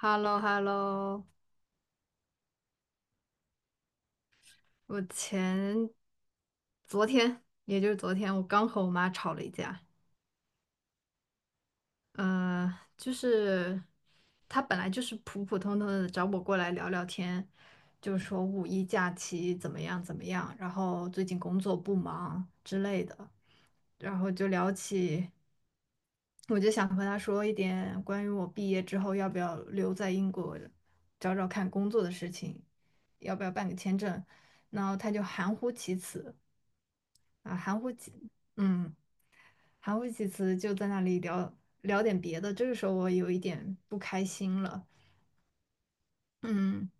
h e l l o h e l l o 我前昨天，也就是昨天，我刚和我妈吵了一架。呃，就是她本来就是普普通通的找我过来聊聊天，就说五一假期怎么样怎么样，然后最近工作不忙之类的，然后就聊起，我就想和她说一点关于我毕业之后要不要留在英国找找看工作的事情，要不要办个签证，然后她就含糊其辞。啊，含糊其嗯，含糊其辞，就在那里聊点别的。这个时候我有一点不开心了。嗯，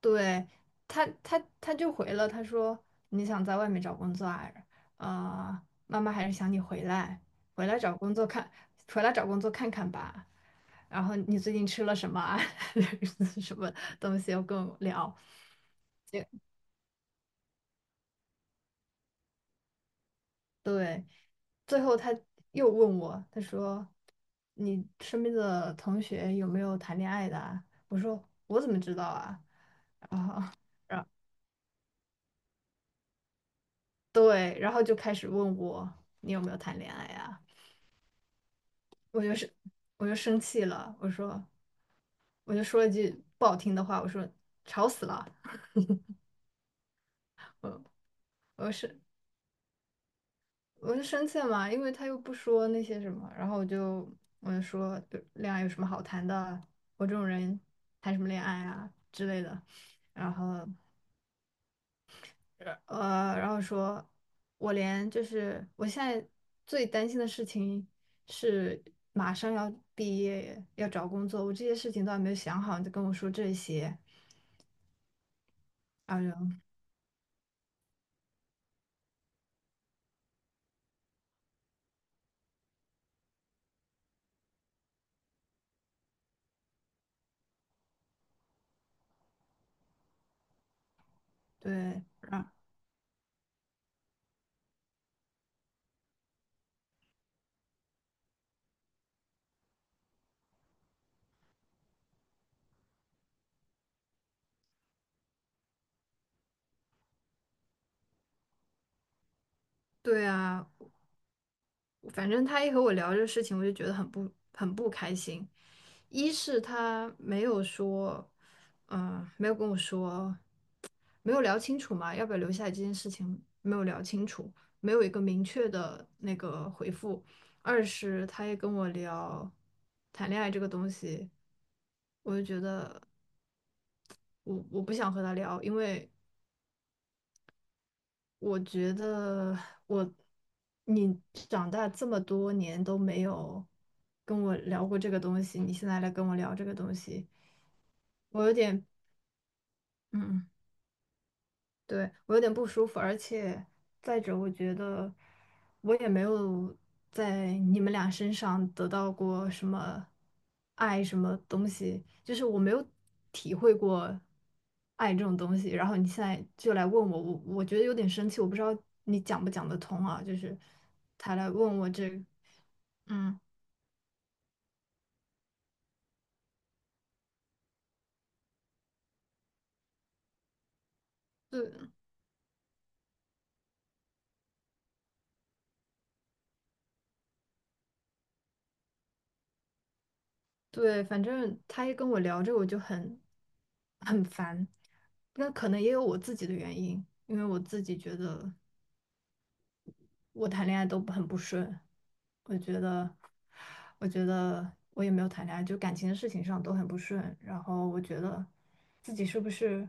对，他就回了，他说你想在外面找工作啊？妈妈还是想你回来，回来找工作看，回来找工作看看吧。然后你最近吃了什么啊？什么东西要跟我聊？结对，最后他又问我，他说：“你身边的同学有没有谈恋爱的啊？”我说：“我怎么知道啊？”然后，然后对，然后就开始问我你有没有谈恋爱啊？我就是我就生气了，我说我就说了一句不好听的话，我说吵死了，我我是我就生气了嘛，因为他又不说那些什么，然后我就说就恋爱有什么好谈的？我这种人谈什么恋爱啊之类的。然后然后说，就是我现在最担心的事情是马上要毕业，要找工作，我这些事情都还没有想好，你就跟我说这些啊，对，啊，对啊，反正他一和我聊这个事情，我就觉得很不开心。一是他没有说，没有跟我说，没有聊清楚嘛，要不要留下来这件事情没有聊清楚，没有一个明确的那个回复。二是他也跟我聊谈恋爱这个东西，我就觉得我不想和他聊，因为我觉得我，你长大这么多年都没有跟我聊过这个东西，你现在来跟我聊这个东西，我有点，嗯对，我有点不舒服，而且再者，我觉得我也没有在你们俩身上得到过什么爱，什么东西，就是我没有体会过爱这种东西。然后你现在就来问我，我觉得有点生气，我不知道你讲不讲得通啊，就是他来问我这个嗯，对对，反正他一跟我聊这个，我就很烦。那可能也有我自己的原因，因为我自己觉得。我谈恋爱都很不顺，我觉得，我觉得我也没有谈恋爱，就感情的事情上都很不顺。然后我觉得自己是不是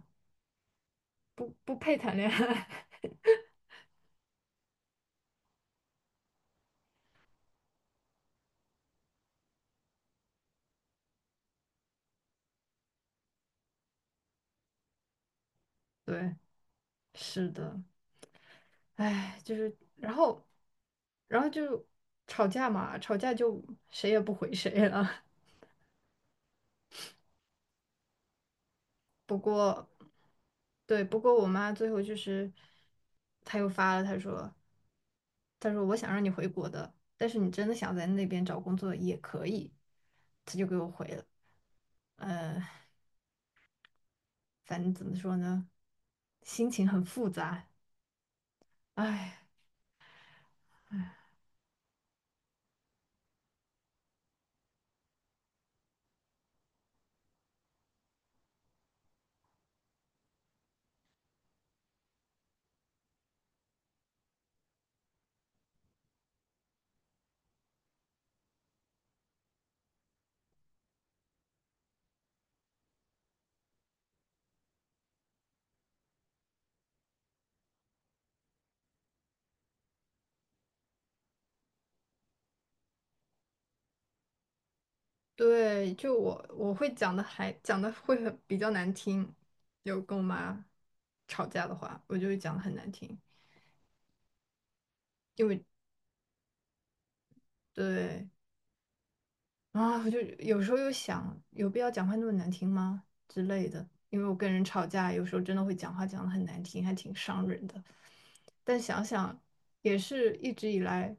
不配谈恋爱？对，是的，唉，就是，然后，然后就吵架嘛，吵架就谁也不回谁了。不过，对，不过我妈最后就是，她又发了，她说。他说我想让你回国的，但是你真的想在那边找工作也可以。他就给我回了，呃，反正怎么说呢，心情很复杂，唉。对，就我会讲的还讲的会很比较难听，有跟我妈吵架的话，我就会讲的很难听，因为对啊，我就有时候又想，有必要讲话那么难听吗之类的，因为我跟人吵架，有时候真的会讲话讲的很难听，还挺伤人的。但想想也是一直以来，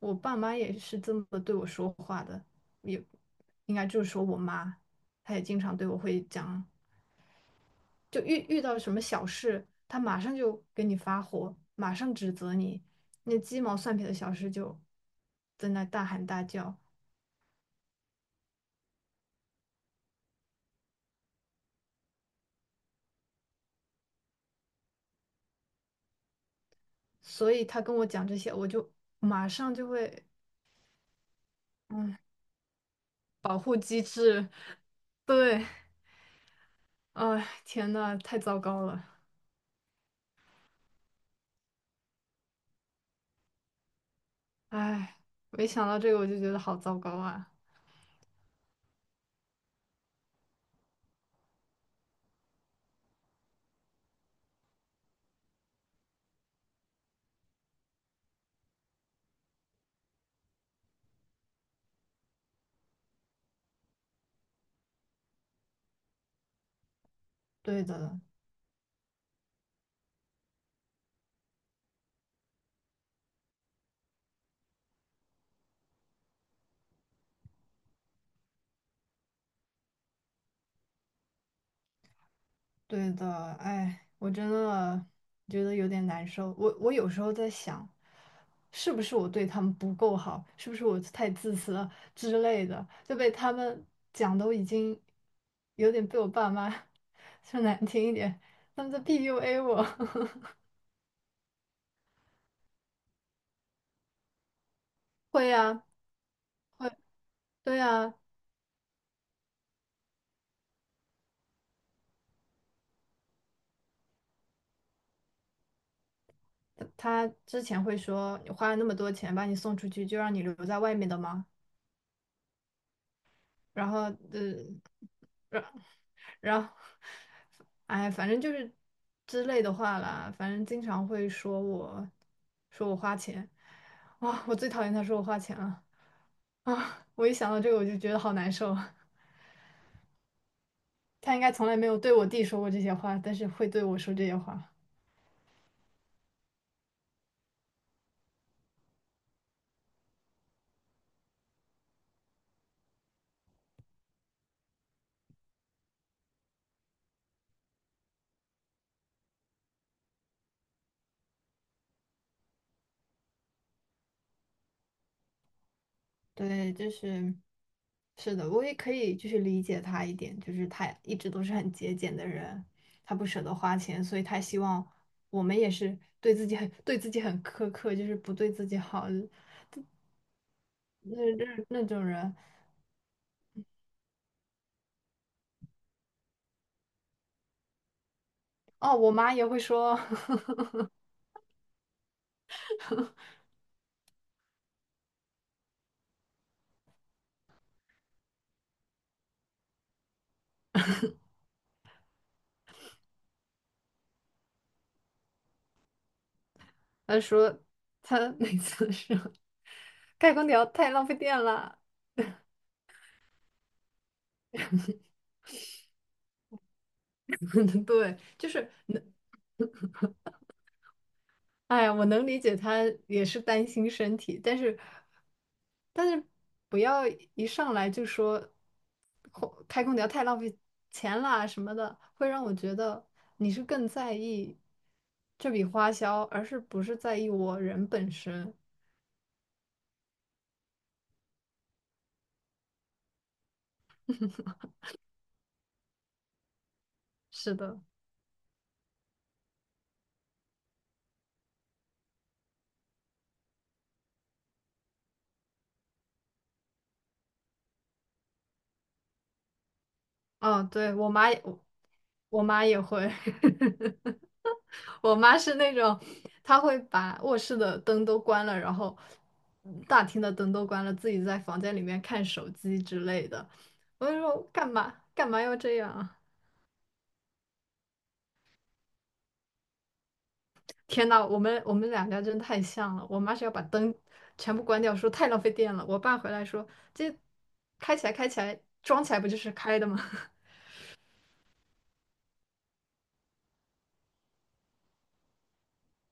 我爸妈也是这么对我说话的，也应该就是说我妈，她也经常对我会讲，就遇到什么小事，她马上就给你发火，马上指责你，那鸡毛蒜皮的小事就在那大喊大叫，所以她跟我讲这些，我就马上就会保护机制，对，哎，天呐，太糟糕了，哎，没想到这个我就觉得好糟糕啊。对的，对的，哎，我真的觉得有点难受。我有时候在想，是不是我对他们不够好，是不是我太自私了之类的，就被他们讲都已经有点被我爸妈 说难听一点，他们在 PUA 我。会呀，对呀，他之前会说你花了那么多钱把你送出去，就让你留在外面的吗？然后，呃，然后，哎，反正就是之类的话啦，反正经常会说我，说我花钱，啊，我最讨厌他说我花钱了啊！我一想到这个我就觉得好难受。他应该从来没有对我弟说过这些话，但是会对我说这些话。对，就是，是的，我也可以就是理解他一点，就是他一直都是很节俭的人，他不舍得花钱，所以他希望我们也是对自己很苛刻，就是不对自己好，那种人哦，我妈也会说，她说她 每次说开空调太浪费电了。对，就是能，哎呀，我能理解她也是担心身体，但是但是不要一上来就说开空调太浪费钱啦什么的，会让我觉得你是更在意这笔花销，而是不是在意我人本身。是的。嗯，对，我妈也会，我妈是那种，她会把卧室的灯都关了，然后大厅的灯都关了，自己在房间里面看手机之类的。我就说干嘛要这样啊？天呐，我们两家真太像了。我妈是要把灯全部关掉，说太浪费电了。我爸回来说这开起来开起来，装起来不就是开的吗？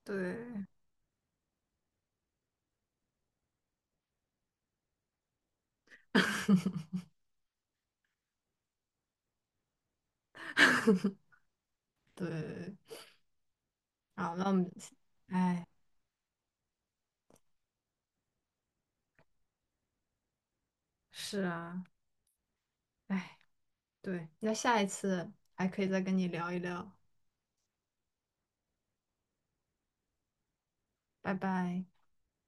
对，对，啊，那我们是啊，哎，对，那下一次还可以再跟你聊一聊，拜拜。